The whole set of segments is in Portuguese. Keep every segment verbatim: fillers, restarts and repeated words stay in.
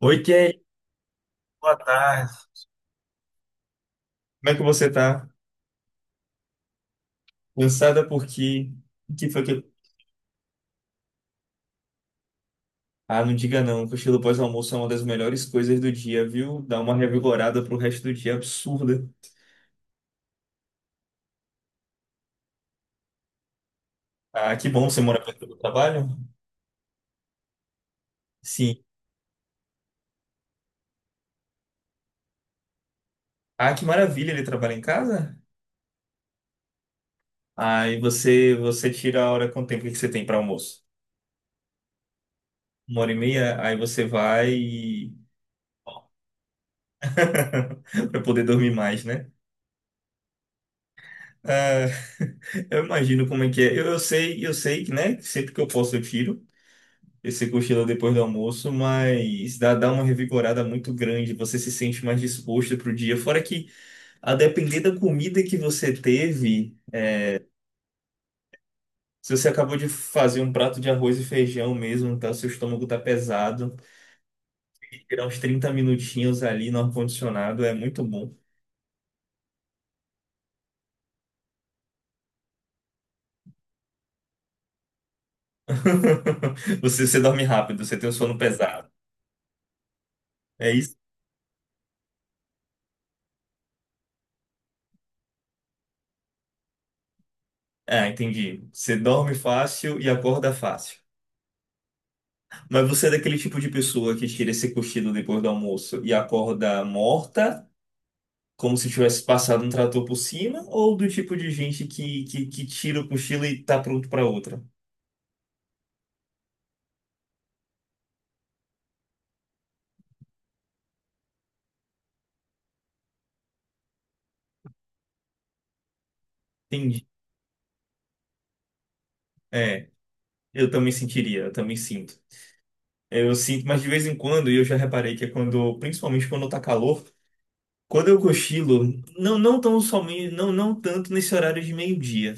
Oi, Kay. Boa tarde. Como é que você tá? Cansada porque... O que foi que... Ah, não diga não. que O cochilo pós-almoço é uma das melhores coisas do dia, viu? Dá uma revigorada pro resto do dia absurda. Ah, que bom. Você mora perto do trabalho? Sim. Ah, que maravilha. Ele trabalha em casa? Ah, e você, você tira a hora com o tempo que você tem para almoço? Uma hora e meia? Aí você vai e... Para poder dormir mais, né? Ah, eu imagino como é que é. Eu, eu sei, eu sei que, né? Sempre que eu posso eu tiro esse cochilo depois do almoço, mas dá, dá uma revigorada muito grande, você se sente mais disposto para o dia. Fora que, a depender da comida que você teve, se você acabou de fazer um prato de arroz e feijão mesmo, tá, seu estômago tá pesado, tirar uns trinta minutinhos ali no ar-condicionado é muito bom. Você, você dorme rápido, você tem o sono pesado. É isso? Ah, entendi. Você dorme fácil e acorda fácil. Mas você é daquele tipo de pessoa que tira esse cochilo depois do almoço e acorda morta, como se tivesse passado um trator por cima, ou do tipo de gente que, que, que tira o cochilo e tá pronto pra outra? Entendi. É, eu também sentiria, eu também sinto. Eu sinto, mas de vez em quando, e eu já reparei que é quando, principalmente quando tá calor, quando eu cochilo, não, não tão somente, não, não tanto nesse horário de meio-dia.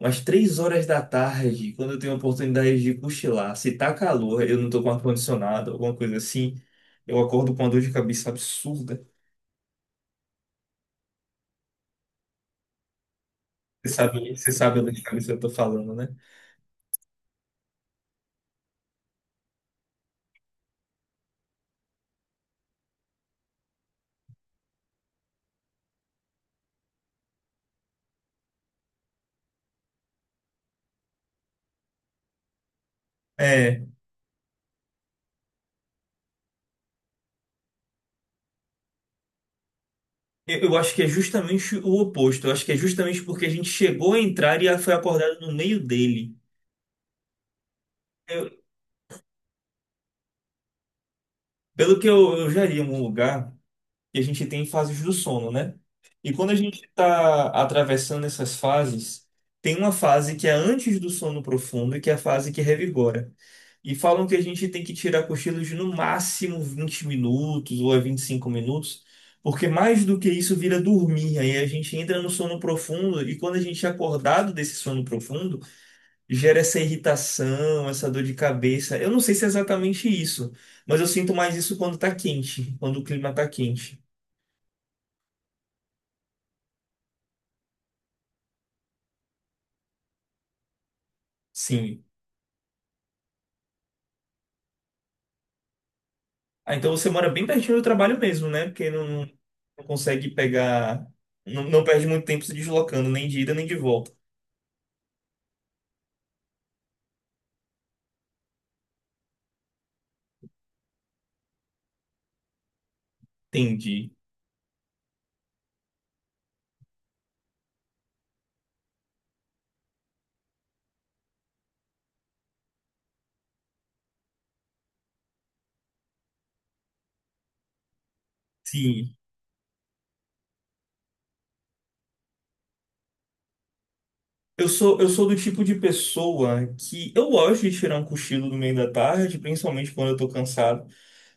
Umas três horas da tarde, quando eu tenho a oportunidade de cochilar, se tá calor, eu não tô com ar-condicionado, alguma coisa assim, eu acordo com uma dor de cabeça absurda. Você sabe, você sabe a dor de cabeça que eu tô falando, né? É, eu eu acho que é justamente o oposto. Eu acho que é justamente porque a gente chegou a entrar e foi acordado no meio dele. Eu- Pelo que eu, eu já li em algum lugar, e a gente tem fases do sono, né? E quando a gente está atravessando essas fases, tem uma fase que é antes do sono profundo, que é a fase que revigora. E falam que a gente tem que tirar cochilos de no máximo vinte minutos ou é vinte e cinco minutos, porque mais do que isso vira dormir. Aí a gente entra no sono profundo e quando a gente é acordado desse sono profundo, gera essa irritação, essa dor de cabeça. Eu não sei se é exatamente isso, mas eu sinto mais isso quando tá quente, quando o clima tá quente. Sim. Ah, então você mora bem pertinho do trabalho mesmo, né? Porque não, não consegue pegar. Não, não perde muito tempo se deslocando, nem de ida nem de volta. Entendi. Sim. Eu sou, eu sou do tipo de pessoa que eu gosto de tirar um cochilo no meio da tarde, principalmente quando eu tô cansado.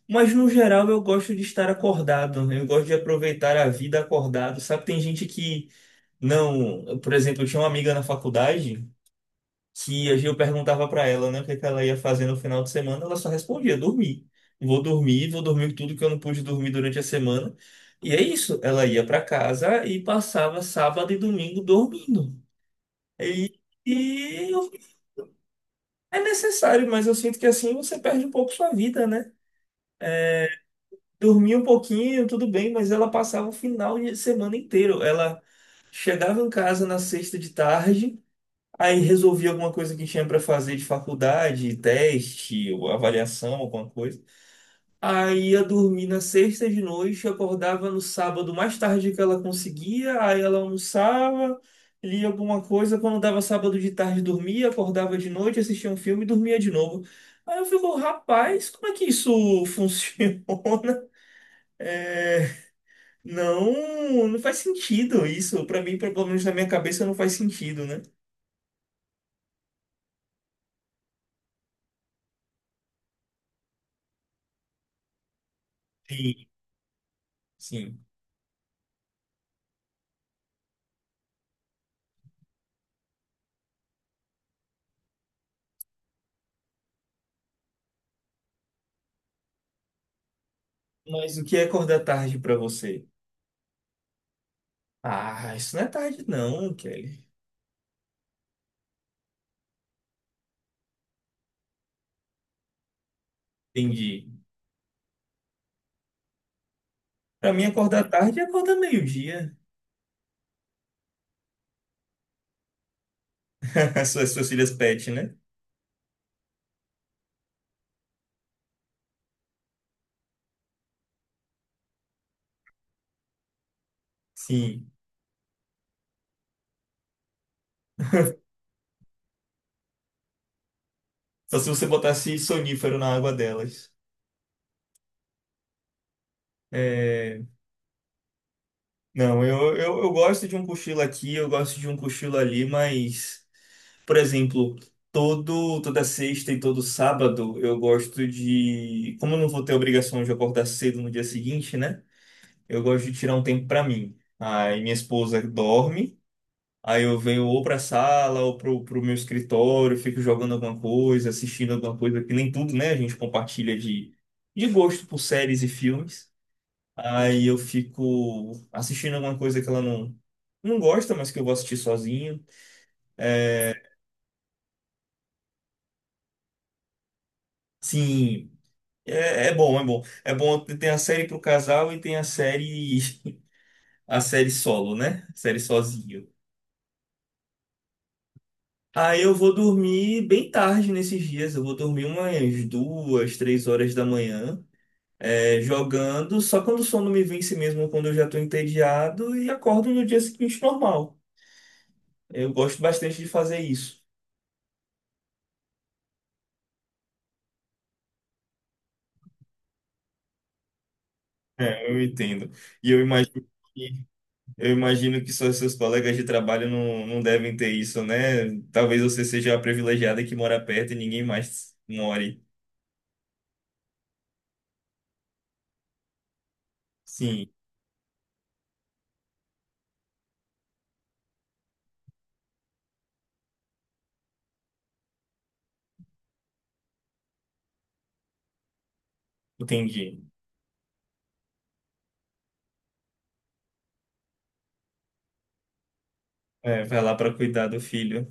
Mas no geral eu gosto de estar acordado, né? Eu gosto de aproveitar a vida acordado. Sabe, tem gente que não. Por exemplo, eu tinha uma amiga na faculdade que a Gil perguntava pra ela, né, o que que ela ia fazer no final de semana, ela só respondia: dormir. Vou dormir, vou dormir tudo que eu não pude dormir durante a semana. E é isso, ela ia pra casa e passava sábado e domingo dormindo. E, e eu- é necessário, mas eu sinto que assim você perde um pouco sua vida, né? Dormia um pouquinho, tudo bem, mas ela passava o final de semana inteiro. Ela chegava em casa na sexta de tarde, aí resolvi alguma coisa que tinha para fazer de faculdade, teste, ou avaliação, alguma coisa. Aí ia dormir na sexta de noite, acordava no sábado mais tarde que ela conseguia, aí ela almoçava, lia alguma coisa, quando dava sábado de tarde dormia, acordava de noite, assistia um filme e dormia de novo. Aí eu fico, rapaz, como é que isso funciona? É, não, não faz sentido isso. Para mim, pelo menos na minha cabeça, não faz sentido, né? Sim. Sim. Mas o que é acordar tarde pra você? Ah, isso não é tarde não, Kelly. Entendi. Pra mim, acordar tarde é acordar meio-dia. As suas, suas filhas pet, né? Sim. Só se você botasse sonífero na água delas. É... Não, eu, eu, eu gosto de um cochilo aqui, eu gosto de um cochilo ali, mas... Por exemplo, todo, toda sexta e todo sábado eu gosto de. Como eu não vou ter obrigação de acordar cedo no dia seguinte, né? Eu gosto de tirar um tempo pra mim. Aí minha esposa dorme, aí eu venho ou pra sala ou pro, pro meu escritório, fico jogando alguma coisa, assistindo alguma coisa, que nem tudo, né? A gente compartilha de, de gosto por séries e filmes. Aí eu fico assistindo alguma coisa que ela não, não gosta, mas que eu vou assistir sozinho. Sim, é, é bom, é bom. É bom ter a série pro casal e tem a série, a série solo, né? Série sozinho. Aí eu vou dormir bem tarde nesses dias. Eu vou dormir umas duas, três horas da manhã, é, jogando. Só quando o sono me vence mesmo, quando eu já estou entediado e acordo no dia seguinte normal. Eu gosto bastante de fazer isso. É, eu entendo. E eu imagino que, eu imagino que só seus colegas de trabalho não, não devem ter isso, né? Talvez você seja a privilegiada que mora perto e ninguém mais more. Sim, entendi. É, vai lá para cuidar do filho.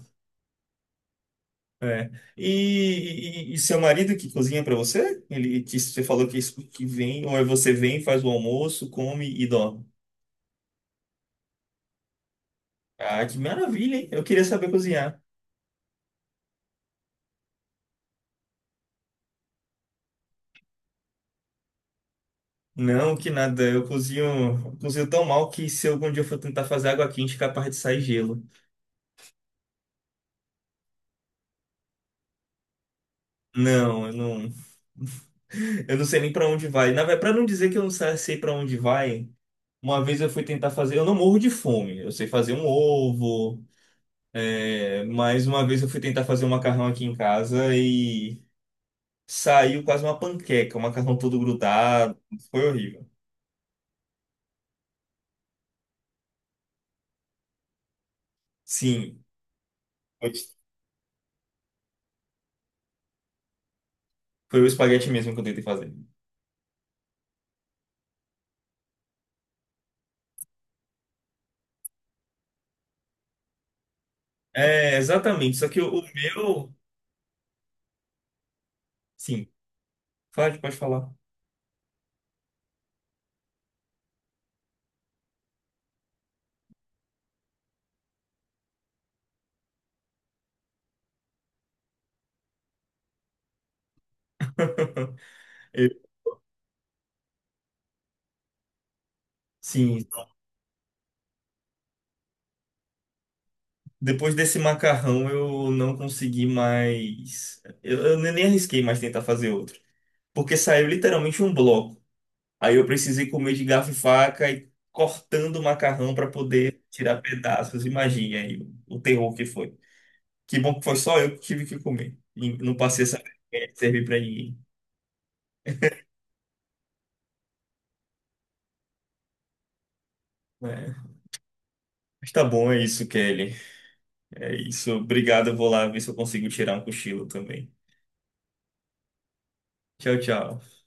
É. E, e- e seu marido que cozinha para você? Ele que você falou que, isso- que vem, ou é você vem, faz o almoço, come e dorme. Ah, que maravilha, hein? Eu queria saber cozinhar. Não, que nada. Eu cozinho, eu cozinho tão mal que se algum dia eu for tentar fazer água quente, é capaz de sair gelo. Não, eu não. Eu não sei nem pra onde vai. Na verdade, para não dizer que eu não sa- sei pra onde vai, uma vez eu fui tentar fazer. Eu não morro de fome. Eu sei fazer um ovo. É, mais uma vez eu fui tentar fazer um macarrão aqui em casa e saiu quase uma panqueca, o macarrão todo grudado. Foi horrível. Sim, foi foi o espaguete mesmo que eu tentei fazer. É, exatamente. Só que o, o meu. Sim, pode, pode falar. Eu- sim, depois desse macarrão eu não consegui mais. Eu, eu nem nem arrisquei mais tentar fazer outro. Porque saiu literalmente um bloco. Aí eu precisei comer de garfo e faca e cortando o macarrão para poder tirar pedaços. Imagine aí o o terror que foi. Que bom que foi só eu que tive que comer. E não passei essa vergonha de servir para ninguém. É. Mas tá bom, é isso, Kelly. É isso. Obrigado. Eu vou lá ver se eu consigo tirar um cochilo também. Tchau, tchau.